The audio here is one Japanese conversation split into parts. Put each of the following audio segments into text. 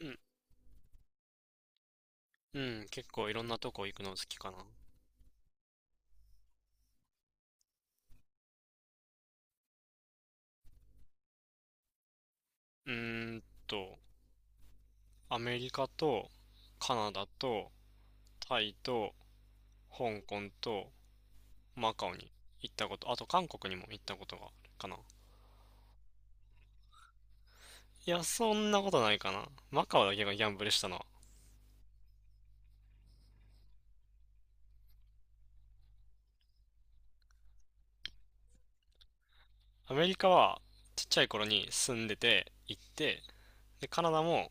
うん、うん、結構いろんなとこ行くの好きかな。うーんと、アメリカとカナダとタイと香港とマカオに行ったこと、あと韓国にも行ったことがあるかな。いや、そんなことないかな。マカオだけがギャンブルしたのは。アメリカはちっちゃい頃に住んでて行って、で、カナダも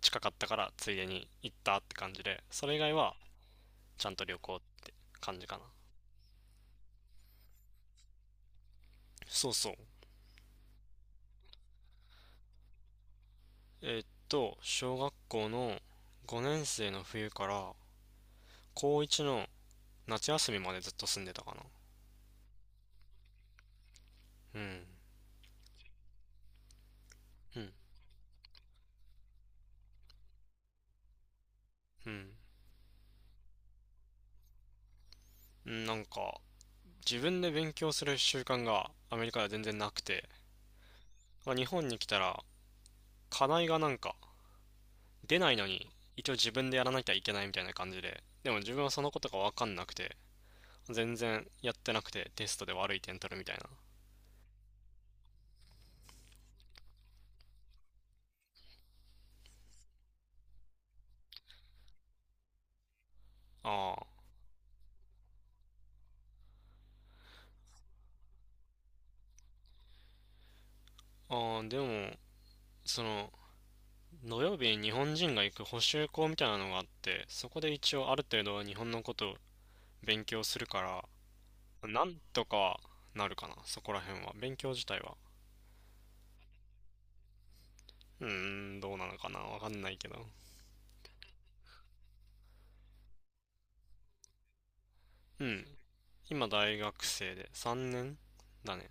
近かったからついでに行ったって感じで、それ以外はちゃんと旅行って感じかな。そうそう。小学校の5年生の冬から高1の夏休みまでずっと住んでたかな。うん。うん。うん。なんか、自分で勉強する習慣がアメリカでは全然なくて、ま日本に来たら課題がなんか出ないのに一応自分でやらなきゃいけないみたいな感じで、でも自分はそのことが分かんなくて、全然やってなくてテストで悪い点取るみたいな。あーああ、でも、その、土曜日に日本人が行く補習校みたいなのがあって、そこで一応ある程度は日本のことを勉強するから、なんとかなるかな、そこら辺は。勉強自体は。うーん、どうなのかな、わかんないけど。うん。今大学生で3年だね。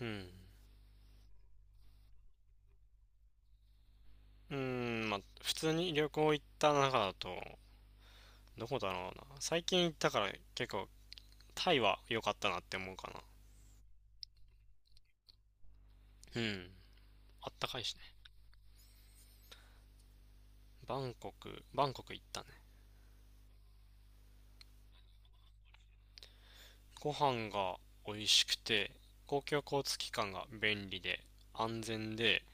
うん。うーん、まあ、普通に旅行行った中だと、どこだろうな。最近行ったから結構タイは良かったなって思うかな。うん。あったかいしね。バンコク、バンコク行ったね。ご飯が美味しくて、公共交通機関が便利で安全で、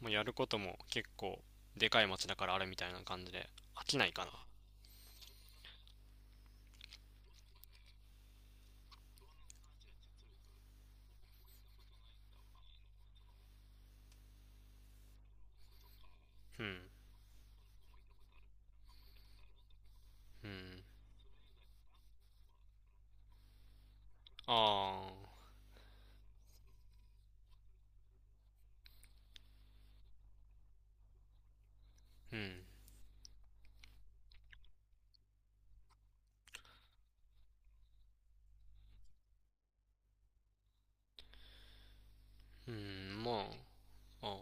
もうやることも結構でかい街だからあるみたいな感じで飽きないかな。うん。うん。ああ、うん。うん、まあ、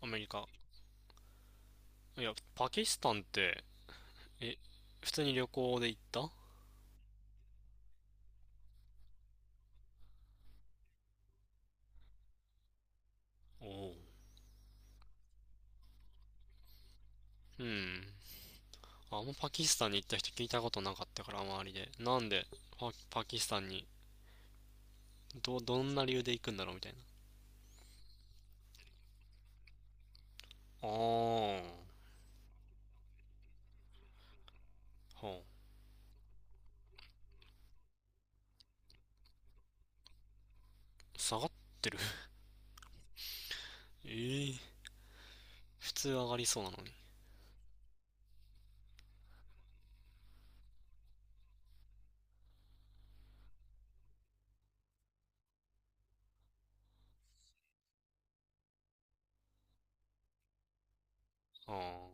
あ、アメリカ。いや、パキスタンって、え、普通に旅行で行った？おおう。うん。あんまパキスタンに行った人聞いたことなかったから、周りで。なんでパキスタンに、どんな理由で行くんだろうみたいな。ああ。はあ、下がってる ええー普通上がりそうなのに。ああ、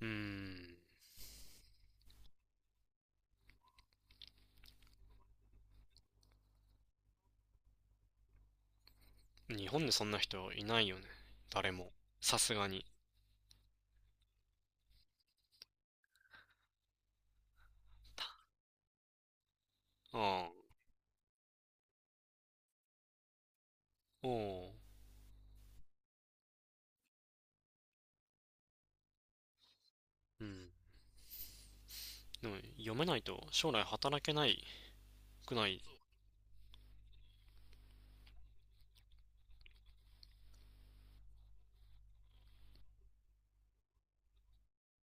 うーん。日本でそんな人いないよね。誰も。さすがに。ああ、おお、うん。でも、読めないと将来働けないくない？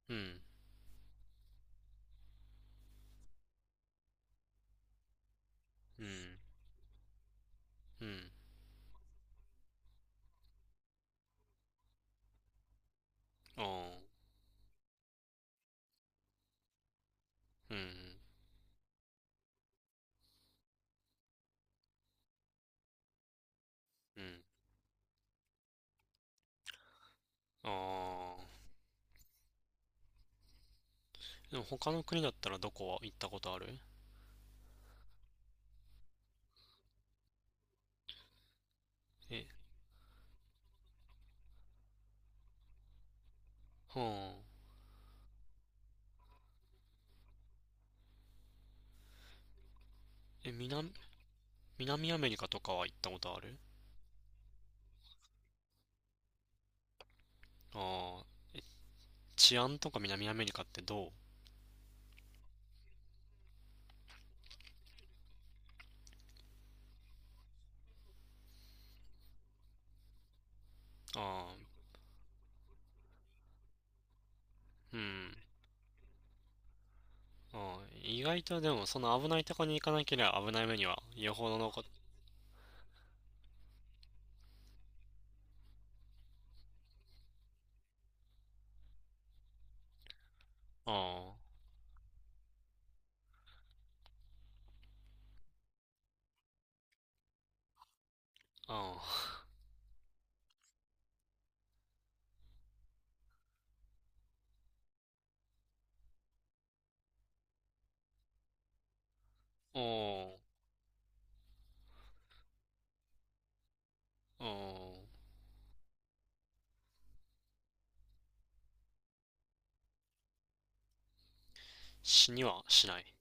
うん、うん、うん、ああ、うん、うん、ああ。でも他の国だったらどこは行ったことある？え、はあ、え、南、南アメリカとかは行ったことある？ああ、え治安とか南アメリカってどう？ああ、うん。ああ、意外とでも、その危ないとこに行かなければ危ない目には、よほどのこと、ああ、ああ、おお、おお、死にはしない。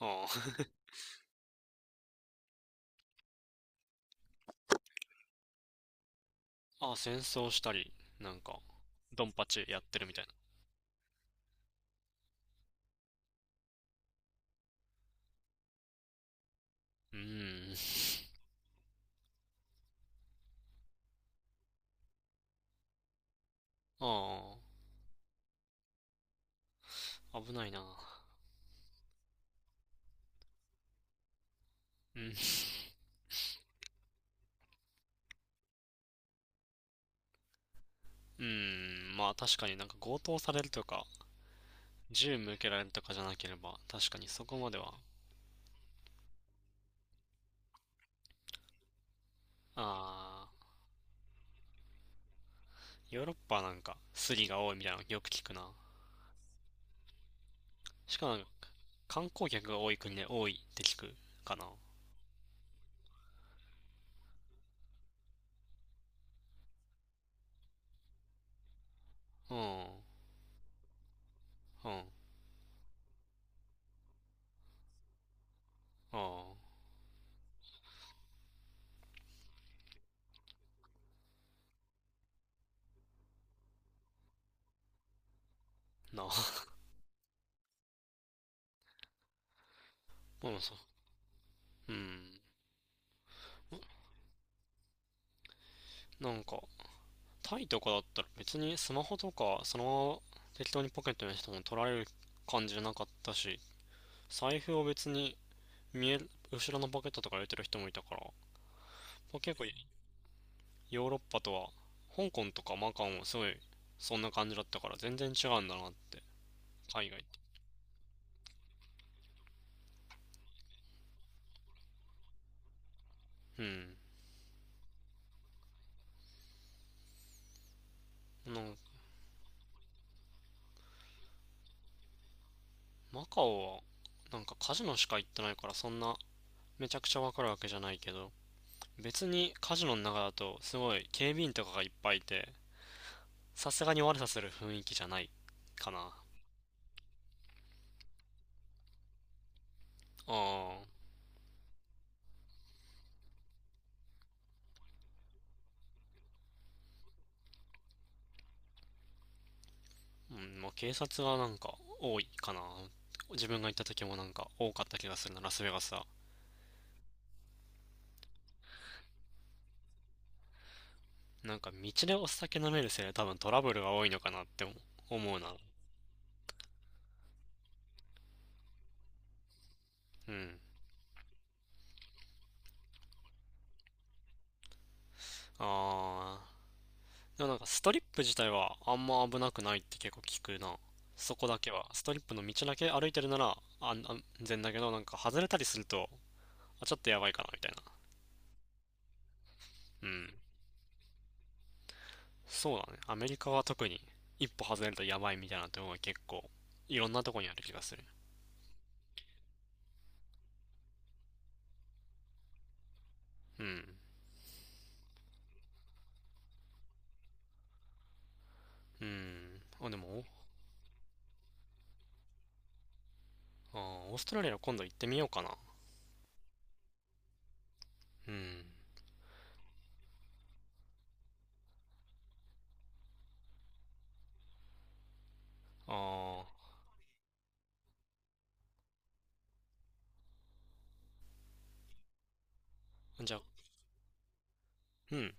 ああ、ああ、戦争したり、なんか、ドンパチやってるみたいな。うーん。ああ、危ないな。うん。うん、まあ確かになんか強盗されるとか、銃向けられるとかじゃなければ、確かにそこまでは、ああ、ヨーロッパなんかスリが多いみたいなのよく聞くな。しかもな観光客が多い国で多いって聞くかな。うん。うん。ああ。なあ。うん、そう。うん。なんか、タイとかだったら別にスマホとかそのまま適当にポケットにしても取られる感じじゃなかったし、財布を別に見える、後ろのポケットとか入れてる人もいたから、結構ヨーロッパとは、香港とかマカオもすごいそんな感じだったから全然違うんだなって、海外って。うん。なんマカオは、なんかカジノしか行ってないから、そんな、めちゃくちゃわかるわけじゃないけど、別にカジノの中だと、すごい警備員とかがいっぱいいて、さすがに悪さする雰囲気じゃないかな。ああ、うん、まあ警察がなんか多いかな。自分が行った時もなんか多かった気がするな、ラスベガスは。なんか道でお酒飲めるせいで多分トラブルが多いのかなって思うな。うん。ああ、でもなんかストリップ自体はあんま危なくないって結構聞くな。そこだけは。ストリップの道だけ歩いてるなら安全だけど、なんか外れたりすると、あ、ちょっとやばいかなみたいな。うん。そうだね。アメリカは特に一歩外れるとやばいみたいなところが結構いろんなとこにある気がする。うん。うん。あ、でも、あー、オーストラリア今度行ってみようかな。うん。ああ、じゃあ、うん。